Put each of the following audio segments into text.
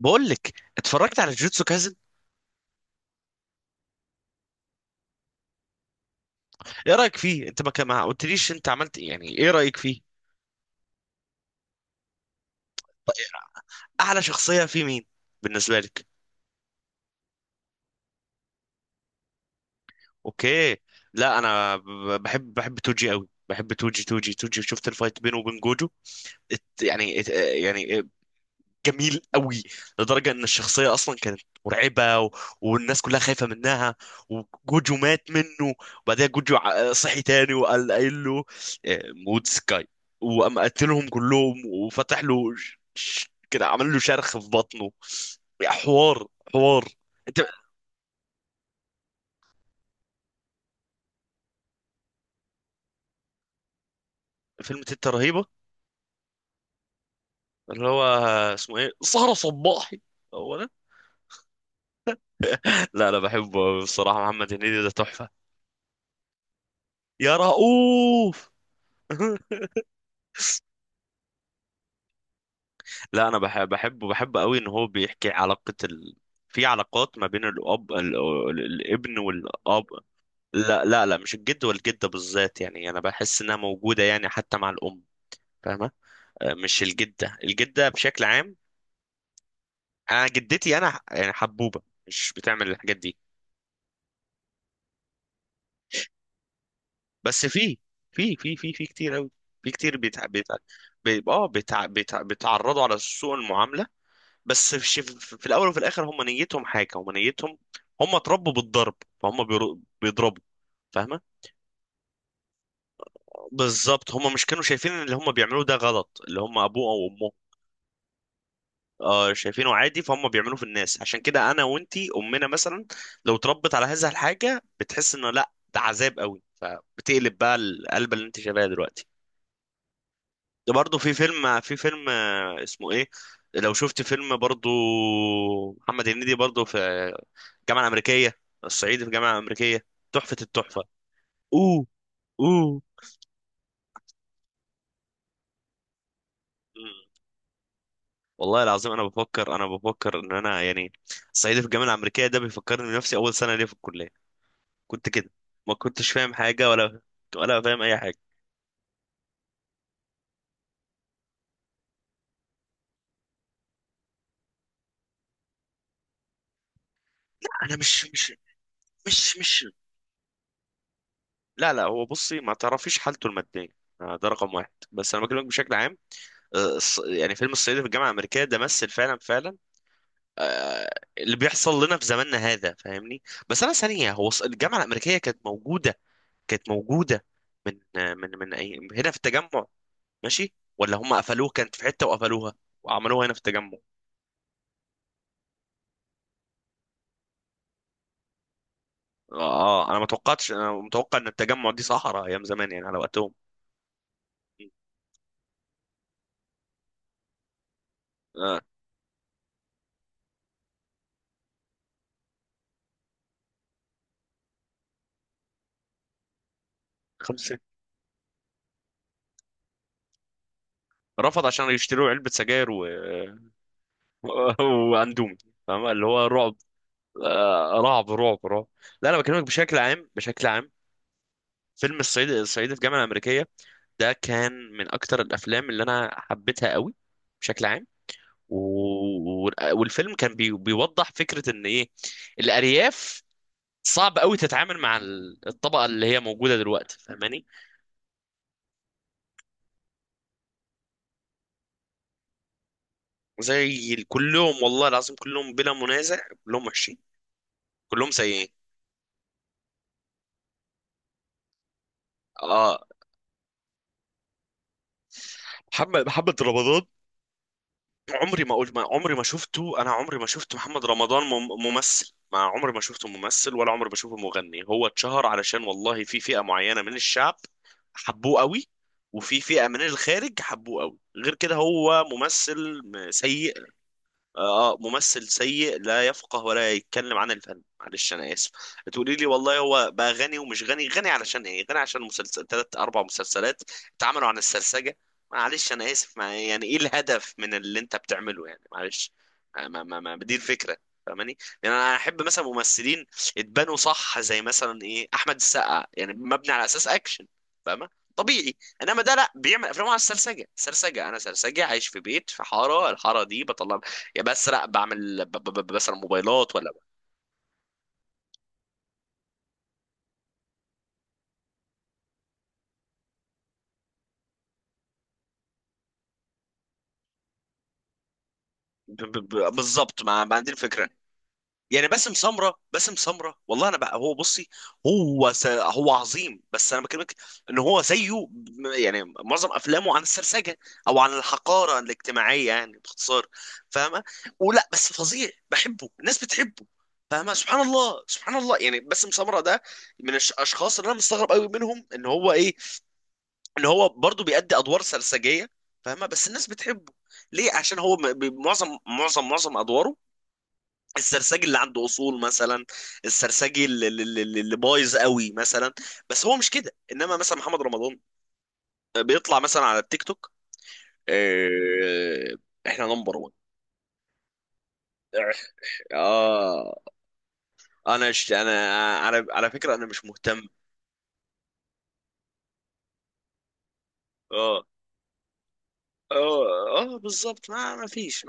بقول لك اتفرجت على جوجوتسو كايزن. ايه رايك فيه؟ انت ما قلتليش انت عملت إيه؟ يعني ايه رايك فيه؟ اعلى شخصيه فيه مين بالنسبه لك؟ اوكي. لا انا بحب توجي قوي، بحب توجي توجي. شفت الفايت بينه وبين جوجو؟ ات- يعني ات- يعني جميل قوي، لدرجة ان الشخصية اصلا كانت مرعبة والناس كلها خايفة منها. وجوجو مات منه، وبعدها جوجو صحي تاني وقال قايل له آه، موت سكاي. وقام قتلهم كلهم وفتح له كده، عمل له شرخ في بطنه. حوار حوار. انت فيلم تيتا رهيبة؟ اللي هو اسمه ايه، سهرة صباحي؟ هو ده؟ لا انا بحبه، بصراحة محمد هنيدي ده تحفة. يا رؤوف. لا انا بحب بحب قوي ان هو بيحكي علاقة في علاقات ما بين الاب الابن والاب. لا لا لا، مش الجد والجدة بالذات، يعني انا بحس انها موجودة يعني حتى مع الام. فاهمة؟ مش الجدة، الجدة بشكل عام. انا جدتي انا يعني حبوبة مش بتعمل الحاجات دي. بس في في كتير قوي، في كتير بيتع... بيتع... بي... اه بيتع... بيتع... بيتعرضوا على سوء المعاملة. بس في في الاول وفي الاخر هم نيتهم حاجه، هم نيتهم، هم اتربوا بالضرب، فهم بيضربوا. فاهمه؟ بالظبط، هم مش كانوا شايفين ان اللي هم بيعملوه ده غلط، اللي هم ابوه او امه. آه شايفينه عادي، فهم بيعملوه في الناس. عشان كده انا وانتي امنا مثلا لو اتربت على هذا الحاجه بتحس انه لا ده عذاب قوي، فبتقلب بقى القلبه اللي انت شايفاها دلوقتي. ده برضه في فيلم، في فيلم اسمه ايه، لو شفت فيلم برضه محمد هنيدي برضه، في الجامعة الأمريكية، الصعيدي في الجامعة الأمريكية. تحفة التحفة. اوه، اوه. مم. والله العظيم انا بفكر، انا بفكر ان انا يعني الصعيدي في الجامعة الأمريكية ده بيفكرني بنفسي، اول سنة ليا في الكلية كنت كده، ما كنتش فاهم حاجة، ولا ولا فاهم اي حاجة. انا مش. لا لا، هو بصي ما تعرفيش حالته المادية، ده رقم واحد، بس انا بكلمك بشكل عام. يعني فيلم الصعيدي في الجامعه الامريكيه ده مثل فعلا فعلا آه، اللي بيحصل لنا في زماننا هذا. فاهمني؟ بس انا ثانيه، هو الجامعه الامريكيه كانت موجوده، كانت موجوده من من أي هنا في التجمع؟ ماشي ولا هم قفلوه، كانت في حته وقفلوها وعملوها هنا في التجمع؟ اه انا ما توقعتش، انا متوقع ان التجمع دي صحراء ايام زمان يعني على وقتهم. آه. خمس سنين. رفض عشان يشتروا علبة سجاير وأندومي. فاهم اللي هو رعب؟ رعب رعب رعب. لا انا بكلمك بشكل عام، بشكل عام. فيلم الصعيد، الصعيدي في الجامعه الامريكيه ده كان من اكتر الافلام اللي انا حبيتها قوي بشكل عام. و... والفيلم كان بيوضح فكره ان ايه؟ الارياف صعب قوي تتعامل مع الطبقه اللي هي موجوده دلوقتي. فاهماني؟ زي كلهم، والله العظيم كلهم بلا منازع، كلهم وحشين، كلهم سيئين. اه محمد رمضان، عمري ما اقول ما عمري ما شفته انا عمري ما شفت محمد رمضان ممثل، ما عمري ما شفته ممثل، ولا عمري بشوفه مغني. هو اتشهر علشان، والله، في فئة معينة من الشعب حبوه قوي، وفي فئة من الخارج حبوه قوي. غير كده هو ممثل سيء. ممثل سيء لا يفقه ولا يتكلم عن الفن، معلش انا اسف. هتقولي لي والله هو بقى غني، ومش غني، غني علشان ايه؟ غني عشان مسلسل، ثلاث اربع مسلسلات اتعملوا عن السرسجة، معلش انا اسف. ما يعني ايه الهدف من اللي انت بتعمله يعني؟ معلش. ما دي الفكرة. فاهماني؟ يعني انا احب مثلا ممثلين اتبنوا صح زي مثلا ايه، احمد السقا، يعني مبني على اساس اكشن. فاهمه؟ طبيعي. انما ده لا، بيعمل افلام على السرسجه، سرسجه انا سرسجه عايش في بيت في حاره، الحاره دي بطلع يا بسرق بعمل ب- ب- ب- بسرق موبايلات ولا بالظبط، ما عندي الفكره. يعني باسم سمره، باسم سمره، والله انا بقى هو بصي، هو عظيم، بس انا بكلمك ان هو زيه يعني معظم افلامه عن السرسجه او عن الحقاره الاجتماعيه يعني باختصار. فاهمه؟ ولا بس فظيع بحبه، الناس بتحبه. فاهمه؟ سبحان الله، سبحان الله. يعني باسم سمره ده من الاشخاص اللي انا مستغرب قوي منهم ان هو ايه، ان هو برضه بيأدي ادوار سرسجيه. فاهمه؟ بس الناس بتحبه. ليه؟ عشان هو معظم ادواره السرسجي اللي عنده اصول مثلا، السرسجي اللي بايظ قوي مثلا. بس هو مش كده، انما مثلا محمد رمضان بيطلع مثلا على التيك توك. آه، احنا نمبر 1. اه انا انا، على على فكره انا مش مهتم. اه اه اه، بالظبط، ما فيش.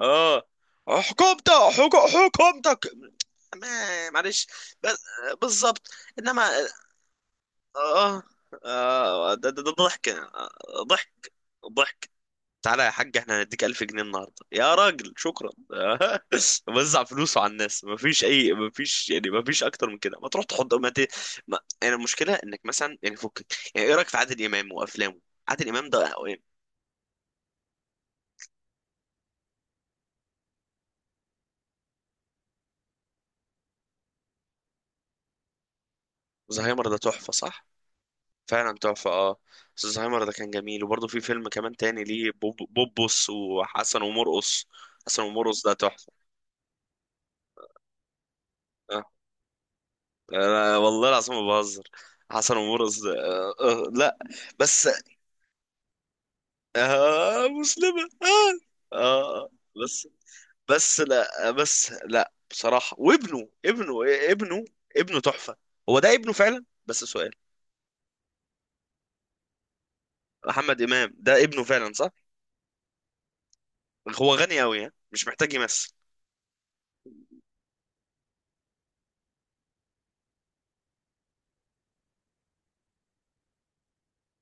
اه. حكومتك، حكومتك. معلش. بس- بالظبط. انما اه اه، ده ضحك، ضحك، ضحك. تعالى يا حاج احنا هنديك 1000 جنيه النهارده، يا راجل شكرا. وزع فلوسه على الناس، مفيش اي، مفيش يعني، مفيش اكتر من كده. ما تروح تحط ما ت... ما... يعني المشكله انك مثلا يعني فكك. يعني ايه رايك في عادل امام وافلامه؟ عادل امام ده يعني، زهايمر ده تحفه صح، فعلا تحفة. اه. الزهايمر ده كان جميل، وبرضه في فيلم كمان تاني ليه، بوبوس، وحسن ومرقص. حسن ومرقص ده تحفة. آه. أنا والله العظيم ما بهزر، حسن ومرقص ده لا. بس آه مسلمة، آه. آه. بس لا بصراحة، وابنه، ابنه تحفة. هو ده ابنه فعلا، بس سؤال، محمد إمام ده ابنه فعلا صح؟ هو غني أوي ها؟ مش محتاج يمثل.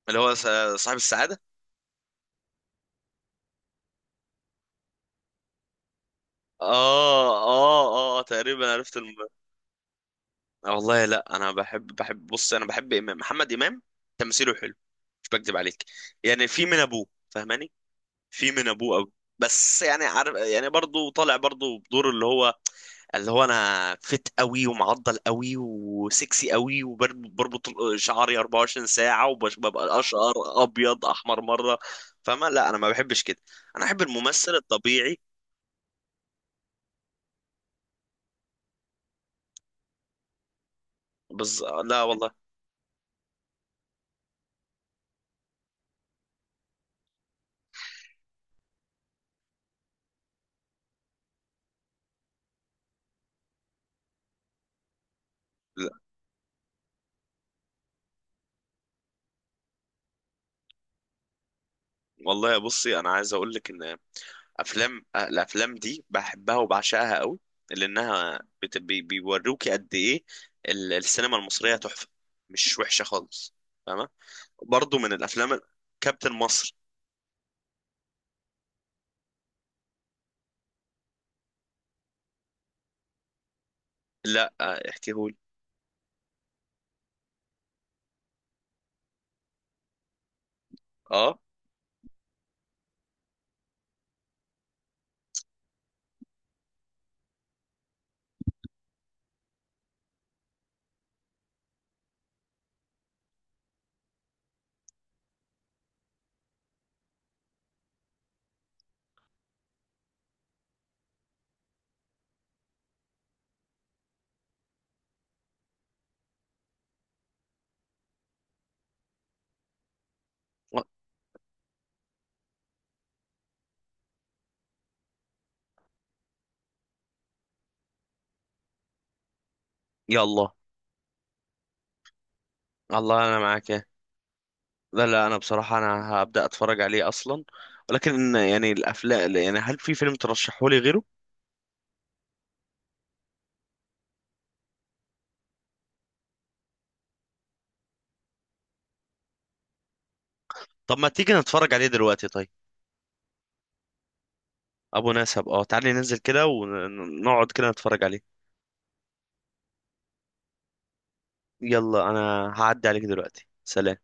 اللي هو صاحب السعادة. اه اه اه، تقريبا عرفت آه والله. لا انا بحب بص، انا بحب امام، محمد امام، تمثيله حلو، مش بكذب عليك. يعني في من ابوه، فاهماني؟ في من ابوه قوي. بس يعني عارف، يعني برضه طالع برضه بدور اللي هو، اللي هو انا فت قوي، ومعضل قوي، وسكسي قوي، وبربط شعري 24 ساعه، وببقى اشقر ابيض احمر مره. فاهمه؟ لا انا ما بحبش كده، انا احب الممثل الطبيعي. لا والله. والله بصي انا عايز اقول لك ان افلام، الافلام دي بحبها وبعشقها قوي، لانها بيوروكي قد ايه السينما المصريه تحفه، مش وحشه خالص. فاهمه؟ برضو من الافلام، كابتن مصر. لا احكيهولي. اه. يلا، الله انا معاك يا. لا لا انا بصراحه انا هبدا اتفرج عليه اصلا، ولكن يعني الافلام، يعني هل في فيلم ترشحولي غيره؟ طب ما تيجي نتفرج عليه دلوقتي طيب. ابو نسب، اه تعالي ننزل كده ونقعد كده نتفرج عليه. يلا، انا هعدي عليك دلوقتي، سلام.